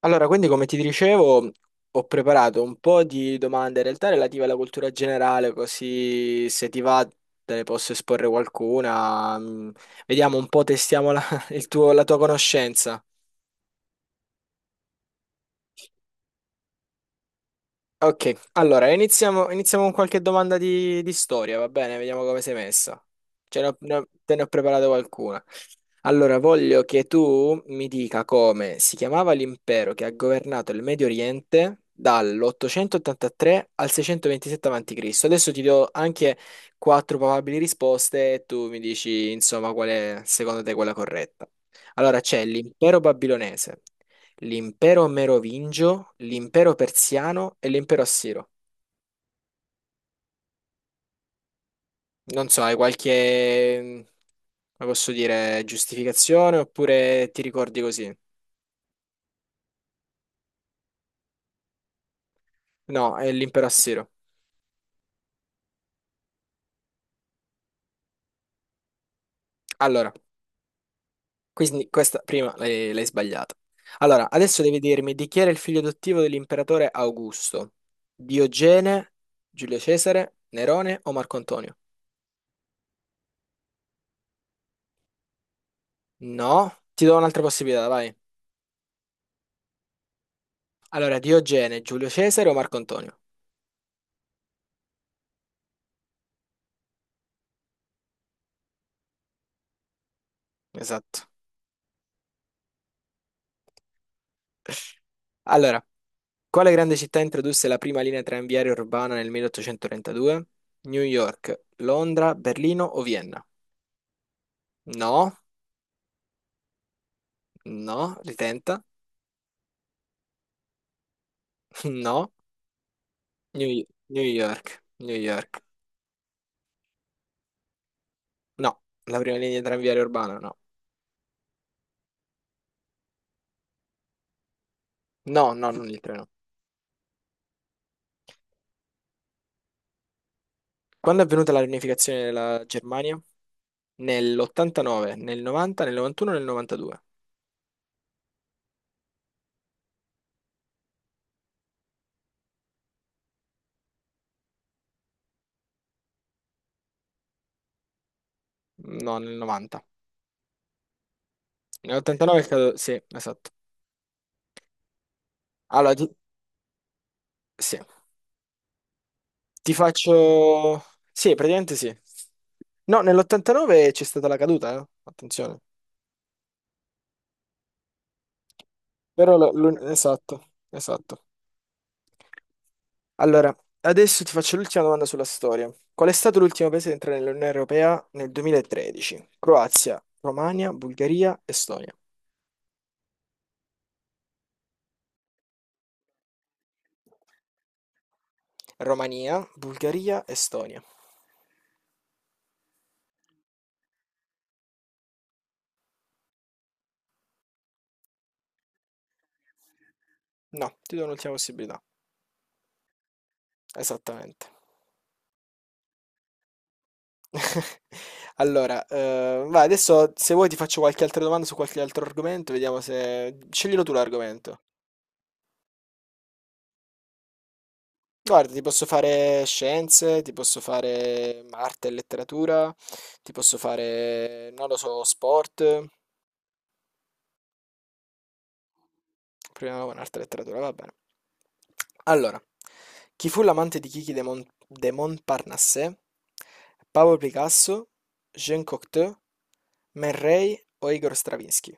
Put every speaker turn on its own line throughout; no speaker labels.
Allora, quindi come ti dicevo, ho preparato un po' di domande in realtà relative alla cultura generale, così se ti va te ne posso esporre qualcuna. Vediamo un po', testiamo la tua conoscenza. Ok, allora iniziamo con qualche domanda di storia, va bene? Vediamo come sei messa. Ce ne ho- ne ho- te ne ho preparata qualcuna. Allora, voglio che tu mi dica come si chiamava l'impero che ha governato il Medio Oriente dall'883 al 627 a.C. Adesso ti do anche quattro probabili risposte e tu mi dici, insomma, qual è secondo te quella corretta. Allora, c'è l'impero babilonese, l'impero merovingio, l'impero persiano e l'impero assiro. Non so, hai qualche, come posso dire, giustificazione oppure ti ricordi così? No, è l'impero assiro. Allora, quindi questa prima l'hai sbagliata. Allora, adesso devi dirmi di chi era il figlio adottivo dell'imperatore Augusto? Diogene, Giulio Cesare, Nerone o Marco Antonio? No, ti do un'altra possibilità, vai. Allora, Diogene, Giulio Cesare o Marco Antonio? Esatto. Allora, quale grande città introdusse la prima linea tranviaria urbana nel 1832? New York, Londra, Berlino o Vienna? No, no, ritenta. No, New, New York, New York. No, la prima linea tranviaria urbana, no. No, no, non il treno. Quando è avvenuta la riunificazione della Germania? Nell'89, nel 90, nel 91, nel 92? No, nel 90. Nell'89 è caduto, sì, esatto. Allora, sì. Ti faccio... Sì, praticamente sì. No, nell'89 c'è stata la caduta, eh? Attenzione. Però Esatto, esatto. Allora, adesso ti faccio l'ultima domanda sulla storia. Qual è stato l'ultimo paese ad entrare nell'Unione Europea nel 2013? Croazia, Romagna, Bulgaria, Estonia. Romania, Bulgaria, Estonia. No, ti do un'ultima possibilità. Esattamente. Allora, vai adesso se vuoi ti faccio qualche altra domanda su qualche altro argomento, vediamo se... Sceglilo tu l'argomento. Guarda, ti posso fare scienze, ti posso fare arte e letteratura, ti posso fare, non lo so, sport. Proviamo con arte e letteratura, va bene. Allora, chi fu l'amante di Kiki de Montparnasse? Pablo Picasso, Jean Cocteau, Man Ray o Igor Stravinsky?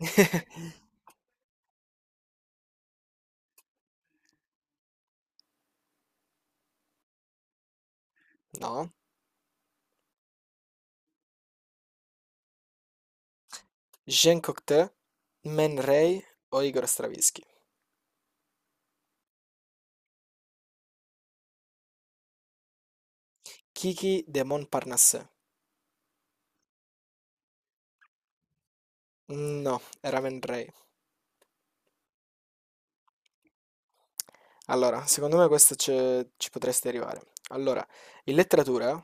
No. Jean Cocteau, Man Ray o Igor Stravinsky? Kiki de Montparnasse. No, era Man Ray. Allora, secondo me questo ci potresti arrivare. Allora, in letteratura,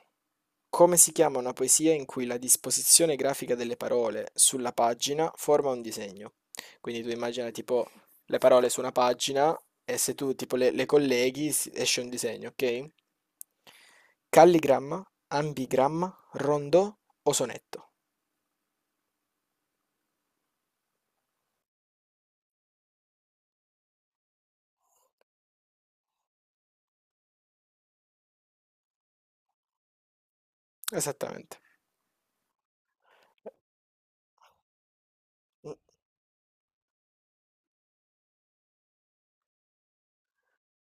come si chiama una poesia in cui la disposizione grafica delle parole sulla pagina forma un disegno? Quindi tu immagina tipo le parole su una pagina e se tu tipo le colleghi esce un disegno, ok? Calligramma, ambigramma, rondò o sonetto? Esattamente.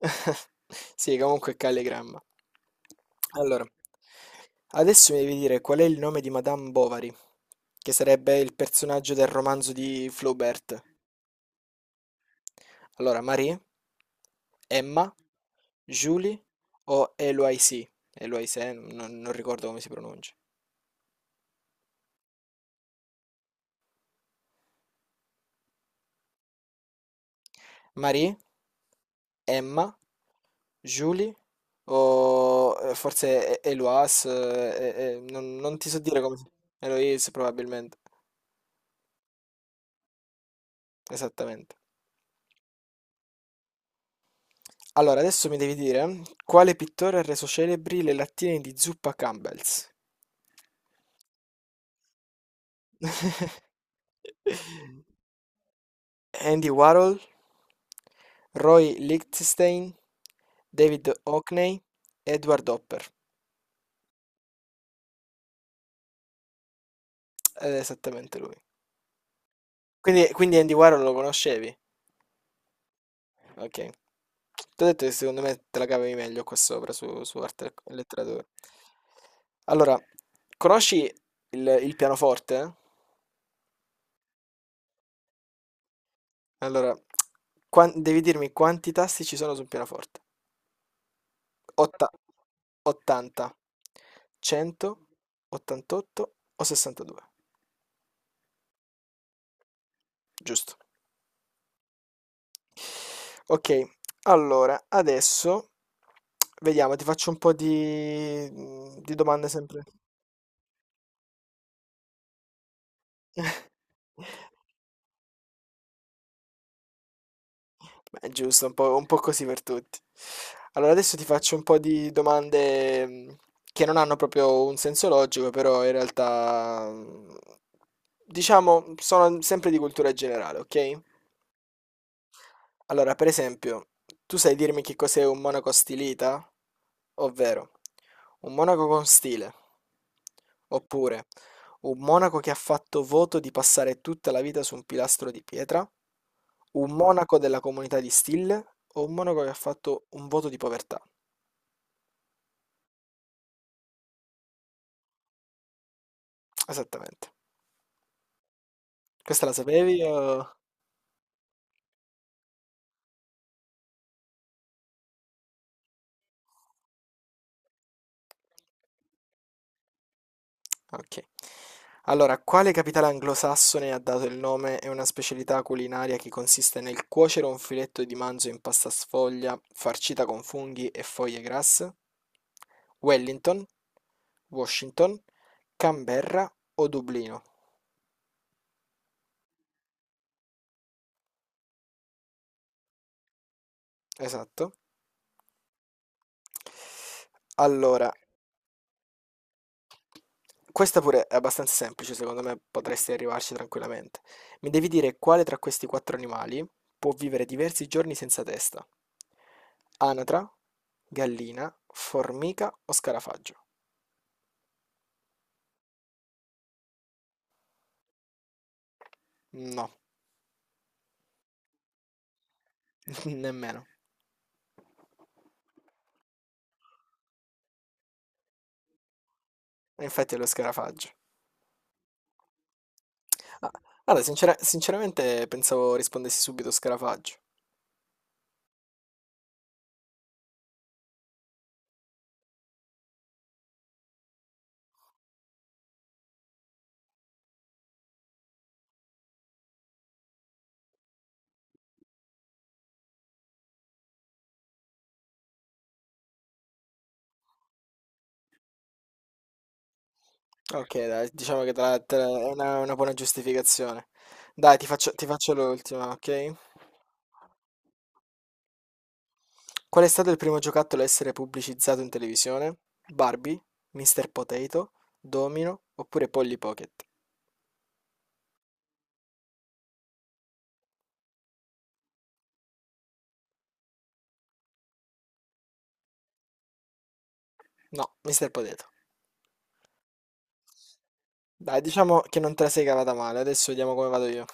Sì, comunque calligramma. Allora, adesso mi devi dire qual è il nome di Madame Bovary, che sarebbe il personaggio del romanzo di Flaubert. Allora, Marie, Emma, Julie o Eloise? Eloise, non ricordo come si pronuncia. Marie, Emma, Julie o forse Eloise, non ti so dire come si... Eloise probabilmente. Esattamente. Allora, adesso mi devi dire quale pittore ha reso celebri le lattine di zuppa Campbell's? Andy Warhol, Roy Lichtenstein, David Hockney, Edward Hopper. Ed è esattamente lui. Quindi Andy Warhol lo conoscevi? Ok. Ti ho detto che secondo me te la cavi meglio qua sopra su arte e letteratura. Allora, conosci il pianoforte? Allora, devi dirmi quanti tasti ci sono su un pianoforte. Otta- 80, 100, 88 o 62. Giusto. Ok, allora, adesso vediamo, ti faccio un po' di domande sempre. Beh, giusto, un po' così per tutti. Allora, adesso ti faccio un po' di domande che non hanno proprio un senso logico, però in realtà, diciamo, sono sempre di cultura generale, ok? Allora, per esempio, tu sai dirmi che cos'è un monaco stilita? Ovvero, un monaco con stile, oppure un monaco che ha fatto voto di passare tutta la vita su un pilastro di pietra, un monaco della comunità di stile o un monaco che ha fatto un voto di povertà. Esattamente. Questa la sapevi o... Ok. Allora, quale capitale anglosassone ha dato il nome a una specialità culinaria che consiste nel cuocere un filetto di manzo in pasta sfoglia, farcita con funghi e foglie grasse? Wellington, Washington, Canberra o Dublino? Esatto. Allora, questa pure è abbastanza semplice, secondo me potresti arrivarci tranquillamente. Mi devi dire quale tra questi quattro animali può vivere diversi giorni senza testa? Anatra, gallina, formica o scarafaggio? No, nemmeno. E infatti è lo scarafaggio. Ah, guarda, sinceramente pensavo rispondessi subito scarafaggio. Ok, dai, diciamo che è una buona giustificazione. Dai, ti faccio l'ultima, ok? Qual è stato il primo giocattolo a essere pubblicizzato in televisione? Barbie, Mr. Potato, Domino oppure Polly Pocket? No, Mr. Potato. Dai, diciamo che non te la sei cavata male, adesso vediamo come vado io.